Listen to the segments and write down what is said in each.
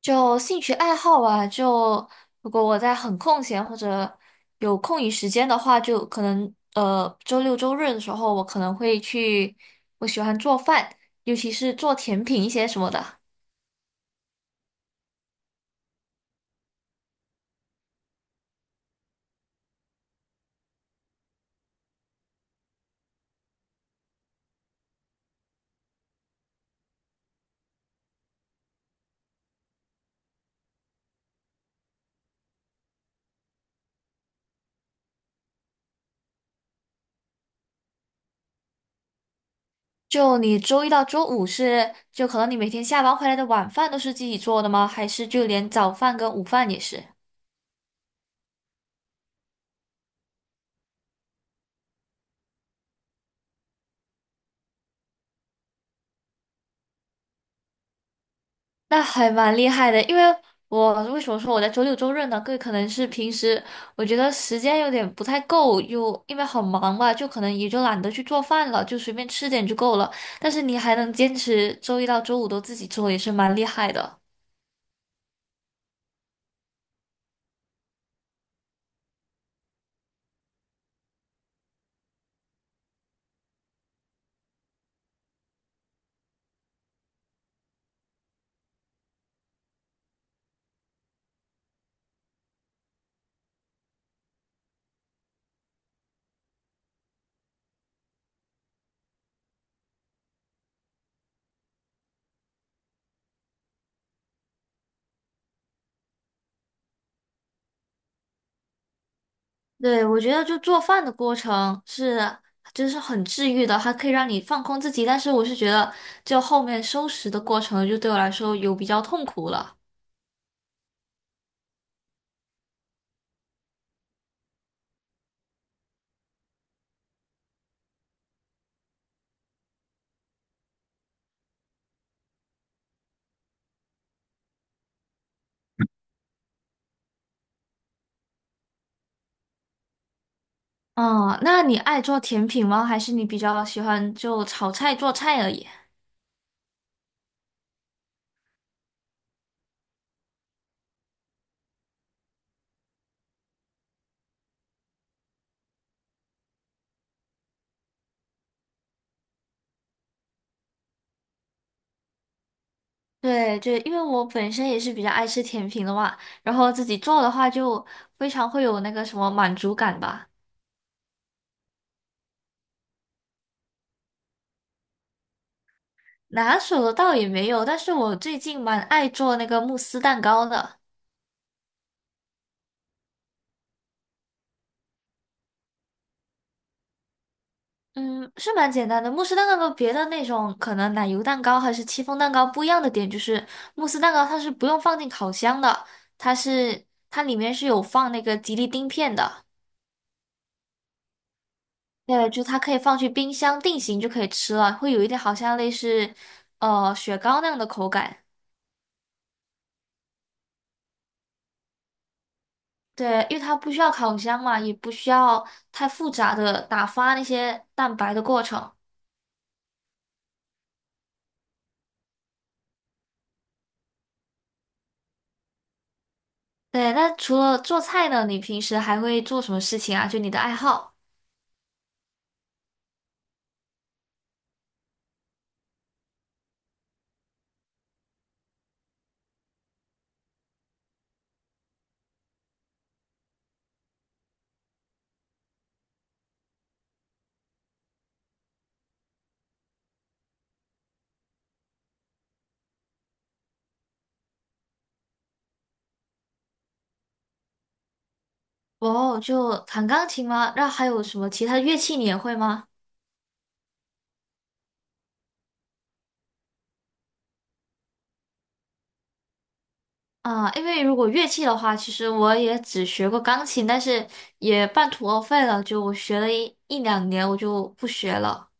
就兴趣爱好吧，就如果我在很空闲或者有空余时间的话，就可能周六周日的时候，我可能会去，我喜欢做饭，尤其是做甜品一些什么的。就你周一到周五是，就可能你每天下班回来的晚饭都是自己做的吗？还是就连早饭跟午饭也是？那还蛮厉害的，因为我为什么说我在周六周日呢？各位可能是平时我觉得时间有点不太够，又因为很忙吧，就可能也就懒得去做饭了，就随便吃点就够了。但是你还能坚持周一到周五都自己做，也是蛮厉害的。对，我觉得就做饭的过程就是很治愈的，还可以让你放空自己。但是我是觉得，就后面收拾的过程，就对我来说有比较痛苦了。哦，那你爱做甜品吗？还是你比较喜欢就炒菜做菜而已？对对，因为我本身也是比较爱吃甜品的嘛，然后自己做的话就非常会有那个什么满足感吧。拿手的倒也没有，但是我最近蛮爱做那个慕斯蛋糕的。嗯，是蛮简单的。慕斯蛋糕跟别的那种可能奶油蛋糕还是戚风蛋糕不一样的点就是，慕斯蛋糕它是不用放进烤箱的，它是它里面是有放那个吉利丁片的。对，就它可以放去冰箱定型就可以吃了，会有一点好像类似雪糕那样的口感。对，因为它不需要烤箱嘛，也不需要太复杂的打发那些蛋白的过程。对，那除了做菜呢，你平时还会做什么事情啊？就你的爱好？哦，就弹钢琴吗？那还有什么其他的乐器你也会吗？啊，因为如果乐器的话，其实我也只学过钢琴，但是也半途而废了，就我学了一两年，我就不学了。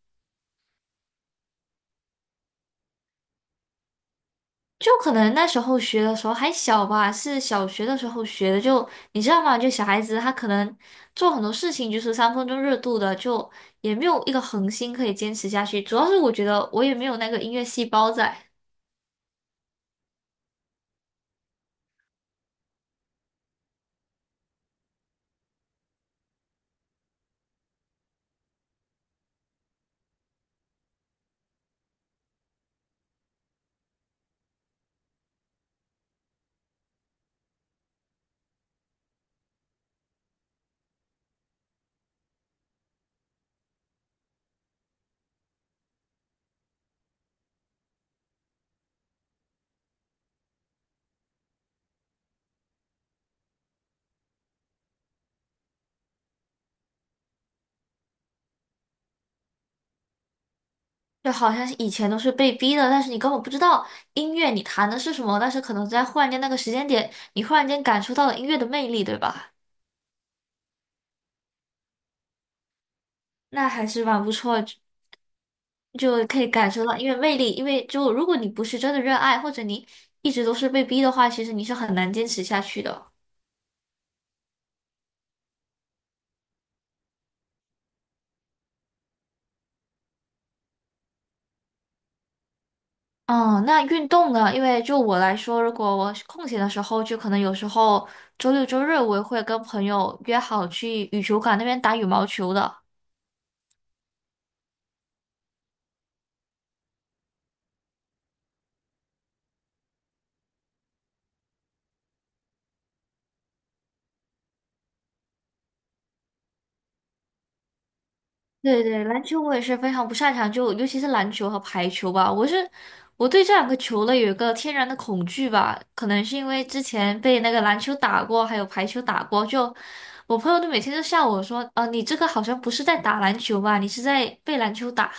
就可能那时候学的时候还小吧，是小学的时候学的。就你知道吗？就小孩子他可能做很多事情就是三分钟热度的，就也没有一个恒心可以坚持下去。主要是我觉得我也没有那个音乐细胞在，就好像是以前都是被逼的，但是你根本不知道音乐你弹的是什么，但是可能在忽然间那个时间点，你忽然间感受到了音乐的魅力，对吧？那还是蛮不错，就可以感受到，因为魅力，因为就如果你不是真的热爱，或者你一直都是被逼的话，其实你是很难坚持下去的。嗯，那运动呢？因为就我来说，如果我空闲的时候，就可能有时候周六周日我也会跟朋友约好去羽球馆那边打羽毛球的。对对，篮球我也是非常不擅长，就尤其是篮球和排球吧，我对这两个球类有一个天然的恐惧吧，可能是因为之前被那个篮球打过，还有排球打过，就我朋友都每天都笑我说，你这个好像不是在打篮球吧，你是在被篮球打。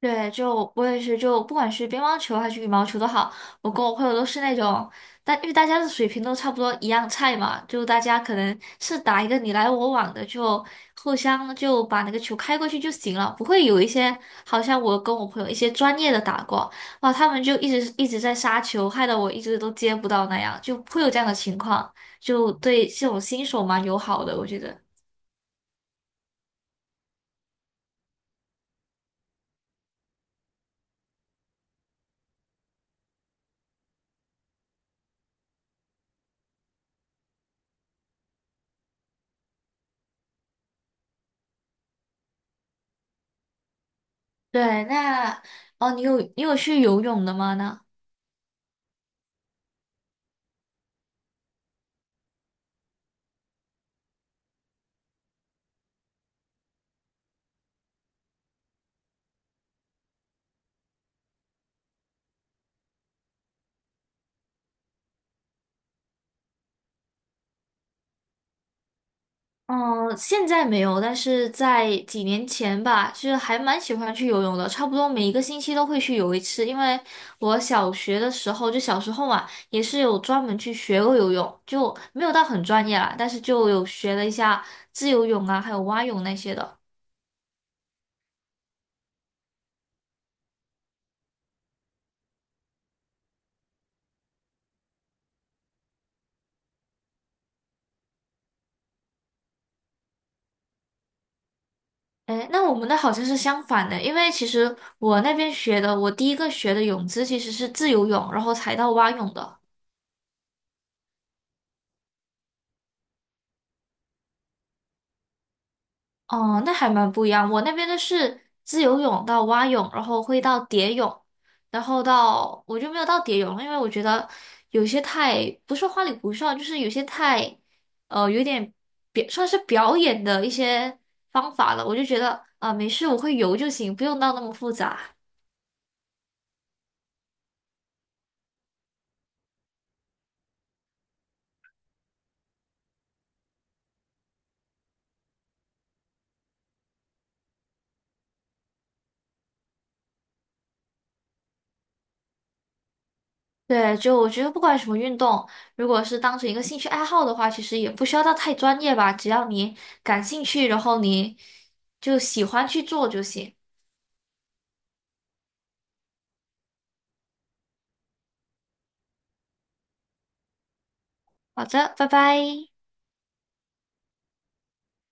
对，就我也是，就不管是乒乓球还是羽毛球都好，我跟我朋友都是那种，但因为大家的水平都差不多一样菜嘛，就大家可能是打一个你来我往的，就互相就把那个球开过去就行了，不会有一些好像我跟我朋友一些专业的打过，哇，他们就一直一直在杀球，害得我一直都接不到那样，就会有这样的情况，就对这种新手蛮友好的，我觉得。对，那哦，你有去游泳的吗？呢？嗯，现在没有，但是在几年前吧，就是还蛮喜欢去游泳的，差不多每一个星期都会去游一次。因为我小学的时候，就小时候嘛，也是有专门去学过游泳，就没有到很专业啦，但是就有学了一下自由泳啊，还有蛙泳那些的。哎，那我们的好像是相反的，因为其实我那边学的，我第一个学的泳姿其实是自由泳，然后才到蛙泳的。哦，那还蛮不一样。我那边的是自由泳到蛙泳，然后会到蝶泳，然后到我就没有到蝶泳了因为我觉得有些太不是花里胡哨，就是有些太有点算是表演的一些方法了。我就觉得啊、没事，我会游就行，不用到那么复杂。对，就我觉得不管什么运动，如果是当成一个兴趣爱好的话，其实也不需要到太专业吧，只要你感兴趣，然后你就喜欢去做就行。好的，拜拜。